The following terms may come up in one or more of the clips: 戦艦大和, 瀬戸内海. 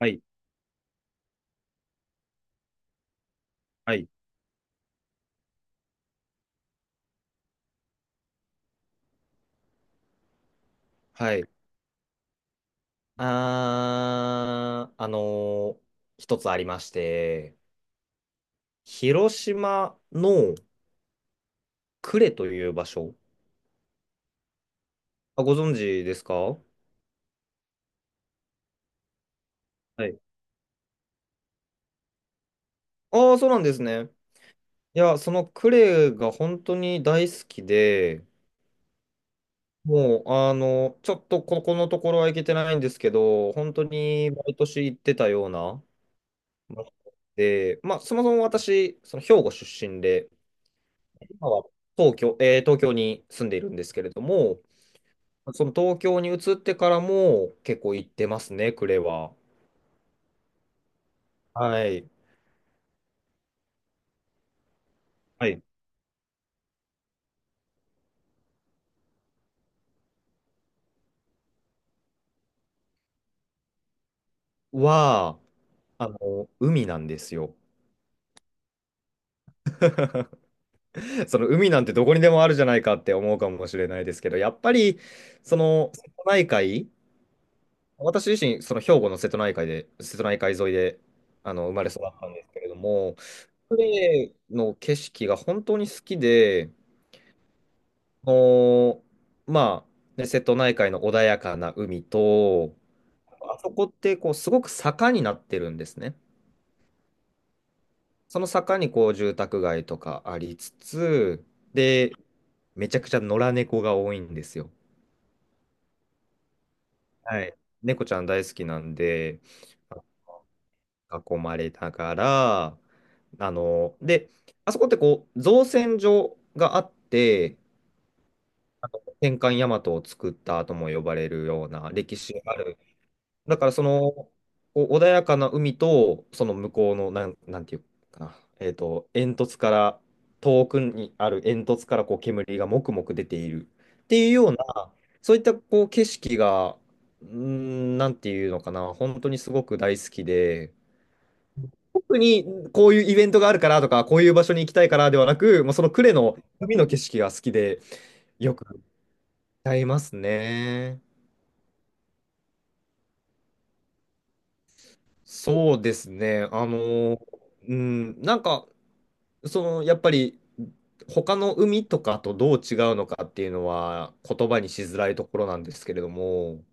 はい、はい、はい。あー、あのー一つありまして、広島の呉という場所、あ、ご存知ですか？はい。ああ、そうなんですね。いや、その呉が本当に大好きで、もう、ちょっとここのところは行けてないんですけど、本当に毎年行ってたような場所で、まあ、そもそも私、その兵庫出身で、今は東京に住んでいるんですけれども、その東京に移ってからも結構行ってますね、呉は。はい。はい。は、あの、海なんですよ。その海なんてどこにでもあるじゃないかって思うかもしれないですけど、やっぱり、その、瀬戸内海、私自身、その兵庫の瀬戸内海で、瀬戸内海沿いで、生まれ育ったんですけれども、呉の景色が本当に好きで、あのまあ、ね瀬戸内海の穏やかな海と、あそこってこうすごく坂になってるんですね。その坂にこう住宅街とかありつつ、で、めちゃくちゃ野良猫が多いんですよ。はい。猫ちゃん大好きなんで、囲まれながら、で、あそこってこう造船所があって、戦艦大和を作ったとも呼ばれるような歴史がある。だからそのこう穏やかな海とその向こうのなんていうかな、煙突から遠くにある煙突からこう煙がもくもく出ているっていうようなそういったこう景色がなんていうのかな、本当にすごく大好きで、特にこういうイベントがあるからとかこういう場所に行きたいからではなく、もうその呉の海の景色が好きでよく歌いますね。そうですね。なんかその、やっぱり、他の海とかとどう違うのかっていうのは言葉にしづらいところなんですけれども、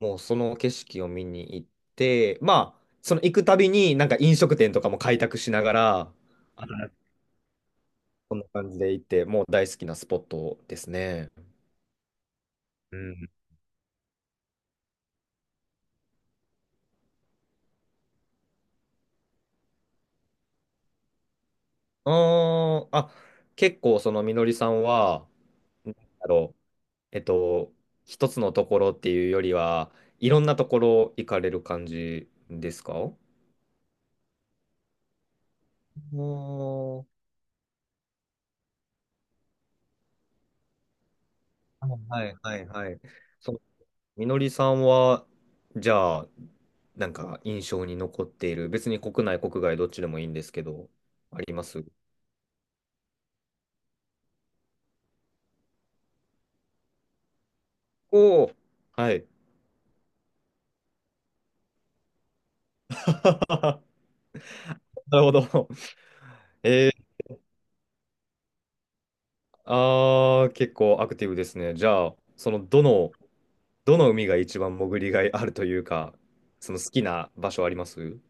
もうその景色を見に行って、まあ、その行くたびになんか飲食店とかも開拓しながら、あこんな感じで行って、もう大好きなスポットですね。うん。あーあ、結構そのみのりさんは、なんだろう、えっと、一つのところっていうよりは、いろんなところ行かれる感じですか？おー、はいはいはい、そう、みのりさんは、じゃあ、なんか印象に残っている、別に国内、国外、どっちでもいいんですけど、あります？おおー、はい。なるほど。えー、結構アクティブですね。じゃあ、その、どの海が一番潜りがいあるというか、その好きな場所あります？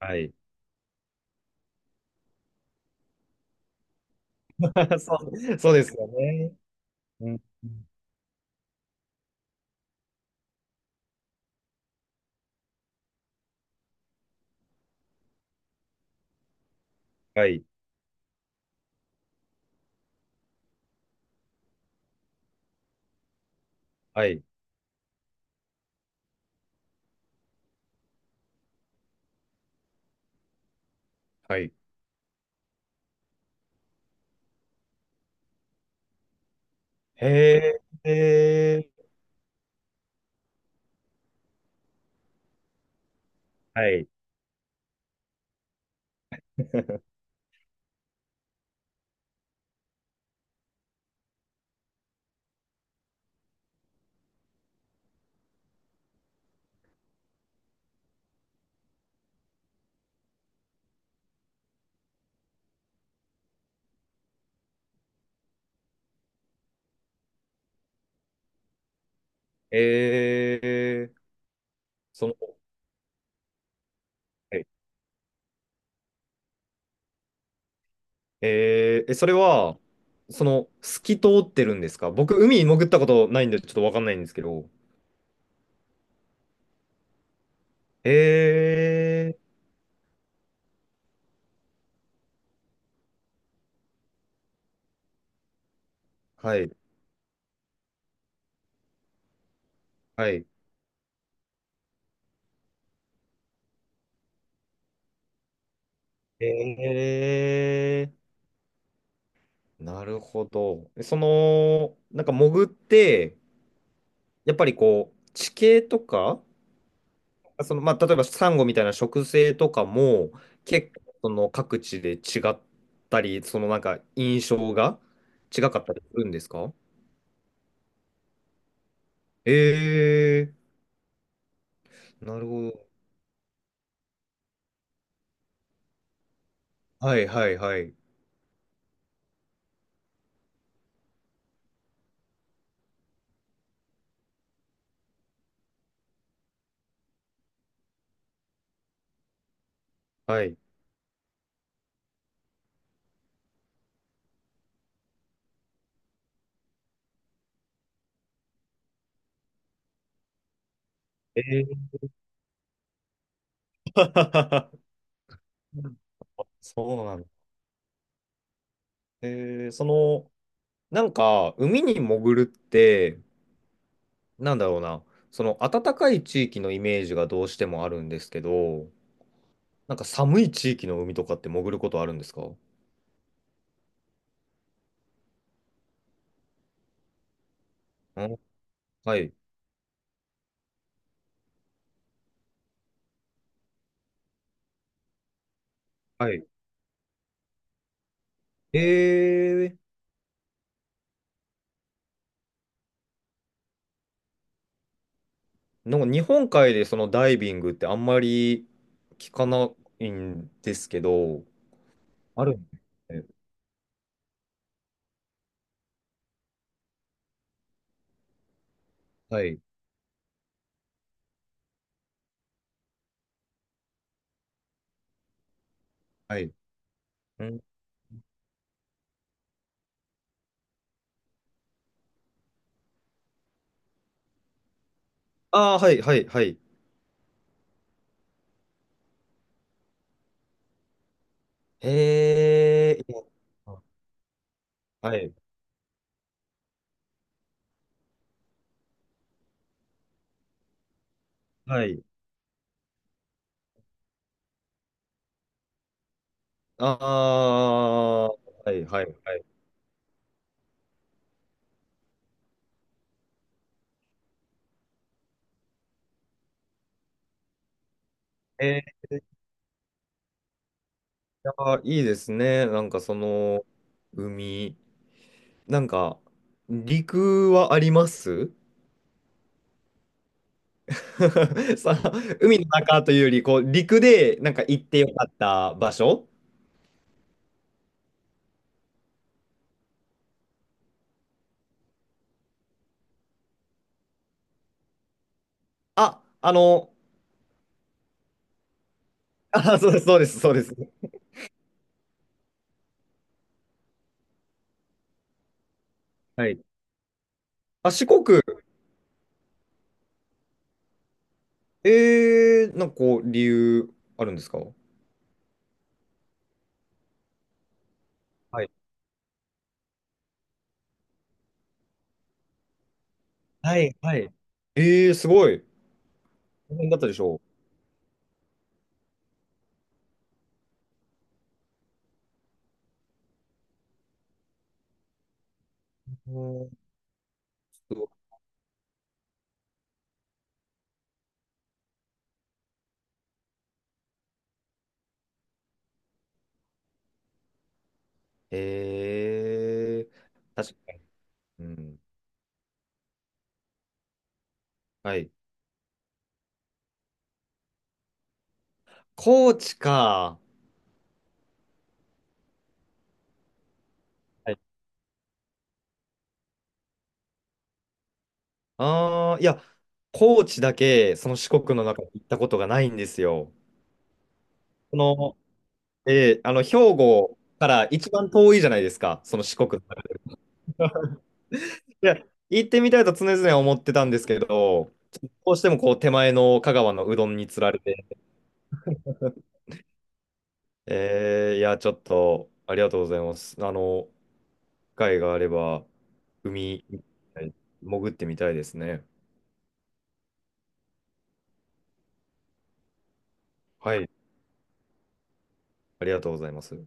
はい。そう、そうですよね。うん、はい。はい。はい。へえ、はい。えー、その、はい、それは、その、透き通ってるんですか？僕、海に潜ったことないんで、ちょっとわかんないんですけど。えはい、はい。えなるほど。その、なんか潜って、やっぱりこう、地形とか、その、まあ、例えばサンゴみたいな植生とかも結構その各地で違ったり、そのなんか印象が違かったりするんですか？えなるほど。はいはいはい。はい。えー そうなんだ。その、なんか、海に潜るって、なんだろうな、その暖かい地域のイメージがどうしてもあるんですけど、なんか寒い地域の海とかって潜ることあるんですか？うん、はい。はいえー、なんか日本海でそのダイビングってあんまり聞かないんですけど、あるんですね。はい、はい。うん、ああ、はい、はい、はい。へえ、いや、はい、はい。ああ、はい、はい、はい。いや、いいですね。なんかその、海、なんか、陸はあります？ さ、海の中というより、こう、陸で、なんか行ってよかった場所？あ、あ、そうです、そうです、そうです。はい。あ、四国、なんかこう、理由あるんですか？はい。はい。はい。えすごい。大変だったでしょう？うん、すごい、確かに。うん。はい。高知か。はい。いや、高知だけ、その四国の中で行ったことがないんですよ。その、兵庫から一番遠いじゃないですか、その四国。いや、行ってみたいと常々思ってたんですけど、どうしてもこう手前の香川のうどんにつられて、いや、ちょっとありがとうございます。機会があれば、海、潜ってみたいですね。はい、ありがとうございます。